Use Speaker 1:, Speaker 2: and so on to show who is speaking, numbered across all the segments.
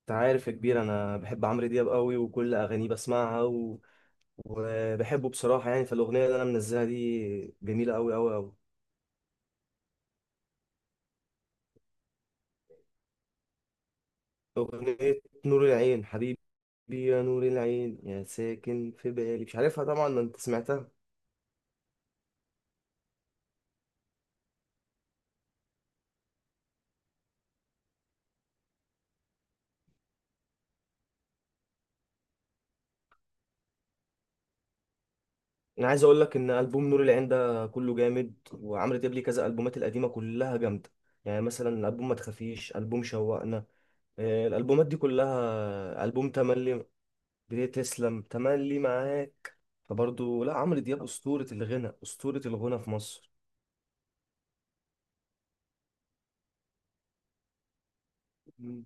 Speaker 1: انت عارف يا كبير، انا بحب عمرو دياب قوي وكل اغانيه بسمعها و... وبحبه بصراحه. يعني فالاغنيه اللي انا منزلها دي جميله قوي قوي قوي. اغنيه نور العين حبيبي، يا نور العين يا ساكن في بالي. مش عارفها طبعا، ما انت سمعتها. انا عايز اقول لك ان البوم نور العين ده كله جامد، وعمرو دياب ليه كذا البومات القديمه كلها جامده. يعني مثلا البوم ما تخافيش، البوم شوقنا، الالبومات دي كلها، البوم تملي. بدي تسلم تملي معاك. فبرضه لا، عمرو دياب أسطورة الغنى، أسطورة الغنى في مصر. مم.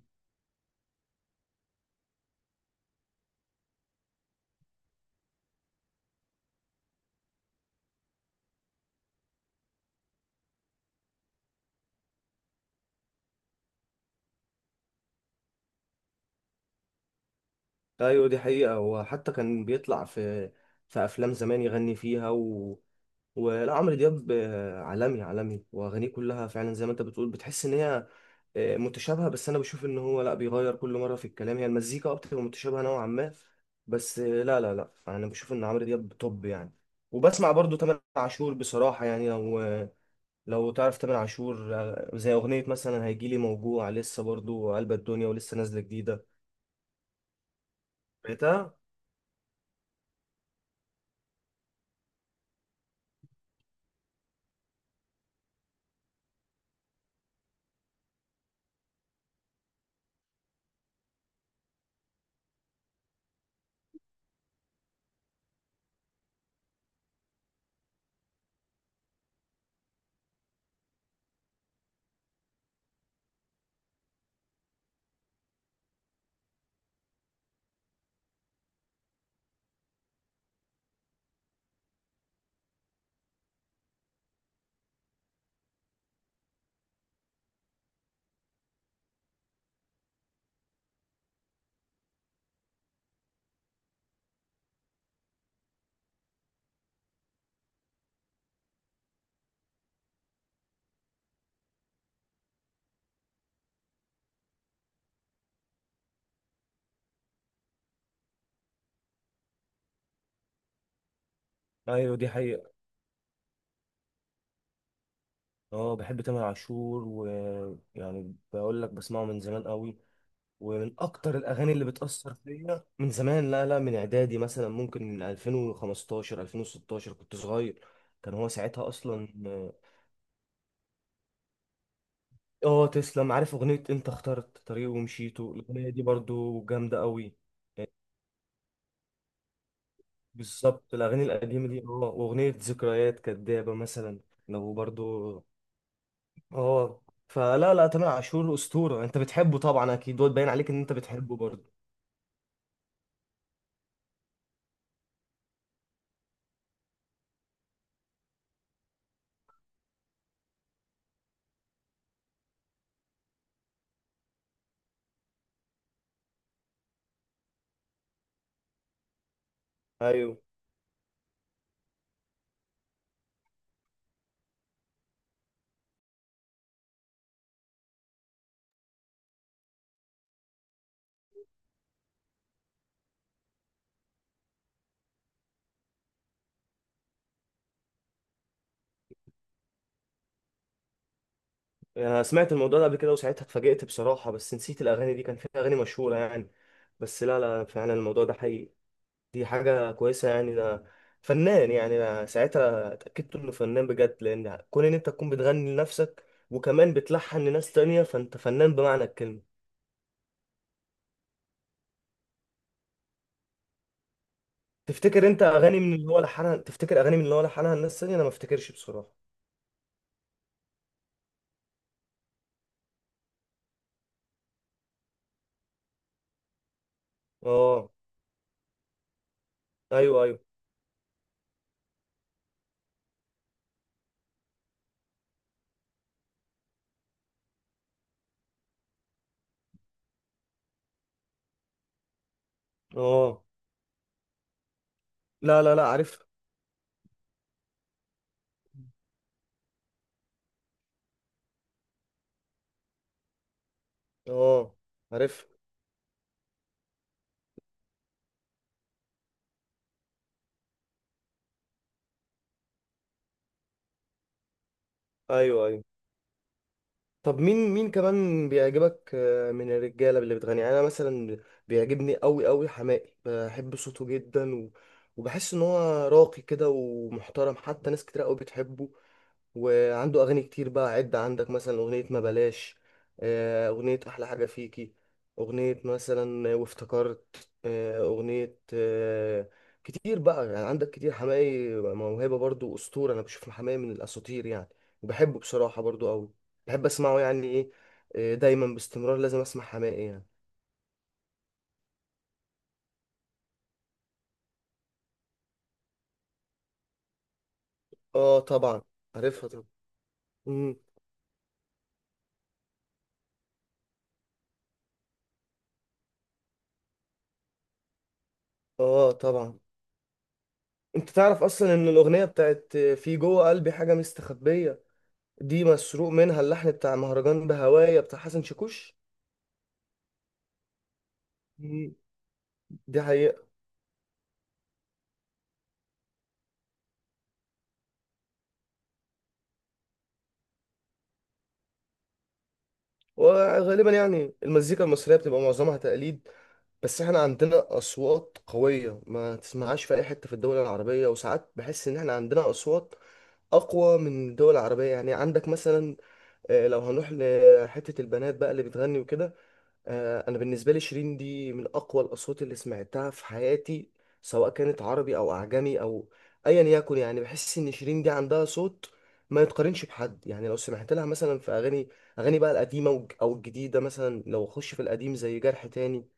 Speaker 1: ايوه دي حقيقة. وحتى كان بيطلع في افلام زمان يغني فيها و... ولا عمرو دياب عالمي عالمي، واغانيه كلها فعلا زي ما انت بتقول، بتحس ان هي متشابهة. بس انا بشوف ان هو لا، بيغير كل مرة في الكلام، هي المزيكا اكتر متشابهة نوعا ما. بس لا لا لا انا بشوف ان عمرو دياب توب يعني. وبسمع برضو تامر عاشور بصراحة، يعني لو تعرف تامر عاشور، زي أغنية مثلا هيجيلي موجوع، لسه برضو قلب الدنيا، ولسه نازلة جديدة. سمعتها؟ ايوه دي حقيقة. اه، بحب تامر عاشور، ويعني بقول لك بسمعه من زمان قوي، ومن اكتر الاغاني اللي بتأثر فيا من زمان. لا لا، من اعدادي مثلا، ممكن من 2015 2016 كنت صغير. كان هو ساعتها اصلا تسلم. عارف اغنية انت اخترت طريق ومشيته؟ الاغنية دي برضو جامدة قوي. بالظبط الأغاني القديمة دي، وأغنية ذكريات كدابة مثلا، لو برضو. اه، فلا لا تامر عاشور أسطورة. أنت بتحبه طبعا أكيد، وباين عليك إن أنت بتحبه برضو. أيوه. أنا سمعت الموضوع ده قبل كده وساعتها اتفاجئت بصراحة، بس نسيت الأغاني دي، كان فيها أغاني مشهورة يعني. بس لا لا فعلا الموضوع ده حقيقي. دي حاجة كويسة يعني. ده فنان، يعني أنا ساعتها اتأكدت إنه فنان بجد، لأن كون إن أنت تكون بتغني لنفسك وكمان بتلحن لناس تانية، فأنت فنان بمعنى الكلمة. تفتكر اغاني من اللي هو لحنها الناس الثانيه؟ انا ما افتكرش بصراحه. اه. ايوه ايوه. اه، لا لا لا عارف. اه عارف. ايوه ايوه. طب مين كمان بيعجبك من الرجاله اللي بتغني؟ يعني انا مثلا بيعجبني قوي قوي حماقي، بحب صوته جدا و... وبحس ان هو راقي كده ومحترم، حتى ناس كتير قوي بتحبه. وعنده اغاني كتير بقى. عد عندك مثلا اغنيه ما بلاش، اغنيه احلى حاجه فيكي، اغنيه مثلا وافتكرت، اغنيه، كتير بقى يعني عندك كتير حماقي. موهبه برضو، اسطوره، انا بشوف حماقي من الاساطير يعني، وبحبه بصراحه برضو قوي. بحب اسمعه يعني ايه، دايما باستمرار لازم اسمع حماقي يعني. اه طبعا. عارفها طبعا. مم. اه طبعا. انت تعرف اصلا ان الاغنيه بتاعت في جوه قلبي حاجه مستخبيه، دي مسروق منها اللحن بتاع مهرجان بهوايا بتاع حسن شاكوش. مم. دي حقيقة. وغالبا يعني المزيكا المصرية بتبقى معظمها تقليد. بس احنا عندنا أصوات قوية ما تسمعهاش في أي حتة في الدول العربية، وساعات بحس إن احنا عندنا أصوات أقوى من الدول العربية. يعني عندك مثلا لو هنروح لحتة البنات بقى اللي بتغني وكده، انا بالنسبه لي شيرين دي من اقوى الاصوات اللي سمعتها في حياتي، سواء كانت عربي او اعجمي او ايا يكن. يعني بحس ان شيرين دي عندها صوت ما يتقارنش بحد. يعني لو سمعت لها مثلا في اغاني بقى القديمه او الجديده، مثلا لو اخش في القديم زي جرح تاني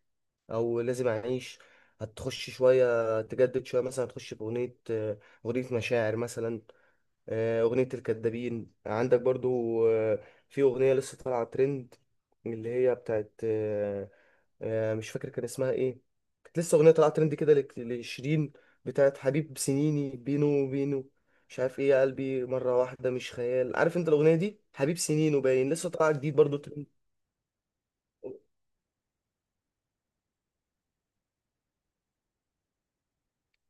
Speaker 1: او لازم اعيش، هتخش شويه تجدد شويه مثلا، هتخش في اغنيه اغنيه مشاعر مثلا، اغنيه الكدابين عندك برضو، آه، في اغنيه لسه طالعه ترند اللي هي بتاعت مش فاكر كان اسمها ايه، كانت لسه اغنيه طلعت ترند كده لشيرين، بتاعت حبيب سنيني بينو بينو، مش عارف ايه يا قلبي، مره واحده مش خيال. عارف انت الاغنيه دي حبيب سنينه؟ باين لسه طالعه جديد برضو ترند.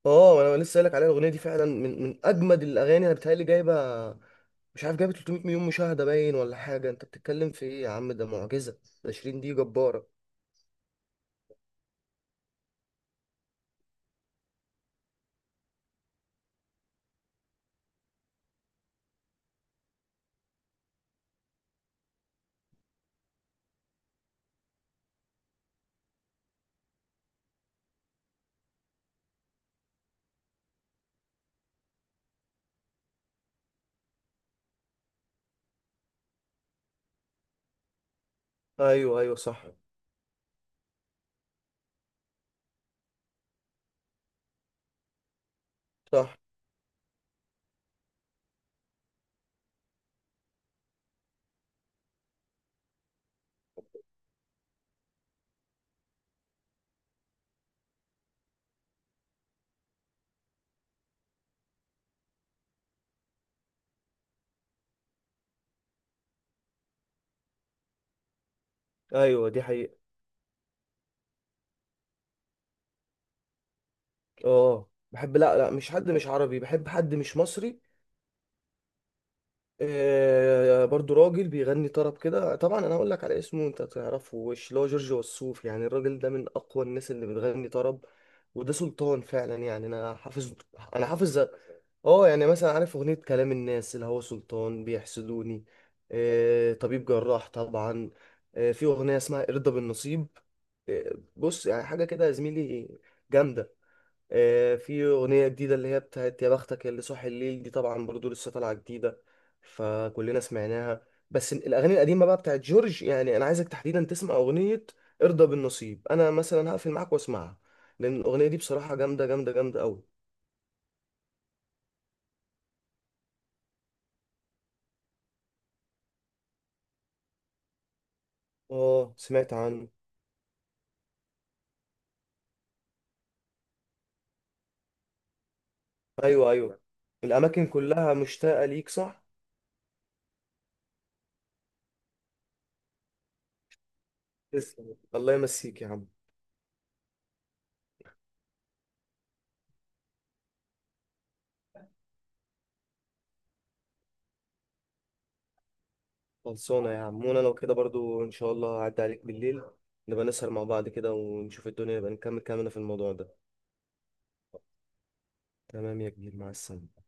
Speaker 1: اه انا لسه قايلك عليها، الاغنيه دي فعلا من اجمد الاغاني. انا بتهيألي جايبه، مش عارف، جايبه 300 مليون مشاهده باين ولا حاجه. انت بتتكلم في ايه يا عم، ده معجزه، ده شيرين دي جباره. ايوه ايوه صح. صح. ايوه دي حقيقه. اه بحب، لا لا، مش حد مش عربي، بحب حد مش مصري. برضو راجل بيغني طرب كده طبعا، انا هقول لك على اسمه، انت تعرفه وش، اللي هو جورج وسوف. يعني الراجل ده من اقوى الناس اللي بتغني طرب، وده سلطان فعلا، يعني انا حافظ. انا حافظ. اه، يعني مثلا عارف اغنية كلام الناس اللي هو سلطان بيحسدوني، طبيب جراح طبعا، في اغنية اسمها ارضى بالنصيب، بص يعني حاجة كده يا زميلي جامدة، في أغنية جديدة اللي هي بتاعت يا بختك يا اللي صاحي الليل، دي طبعا برضو لسه طالعة جديدة فكلنا سمعناها. بس الأغاني القديمة بقى بتاعت جورج، يعني أنا عايزك تحديدا تسمع أغنية ارضى بالنصيب. أنا مثلا هقفل معاك واسمعها، لأن الأغنية دي بصراحة جامدة جامدة جامدة أوي. آه، سمعت عنه. أيوه أيوه. الأماكن كلها مشتاقة ليك، صح؟ تسلم الله يمسيك يا عم. خلصانة يا عم، وأنا لو كده برضو إن شاء الله هعدي عليك بالليل، نبقى نسهر مع بعض كده ونشوف الدنيا، نبقى نكمل كلامنا في الموضوع ده. تمام يا كبير، مع السلامة.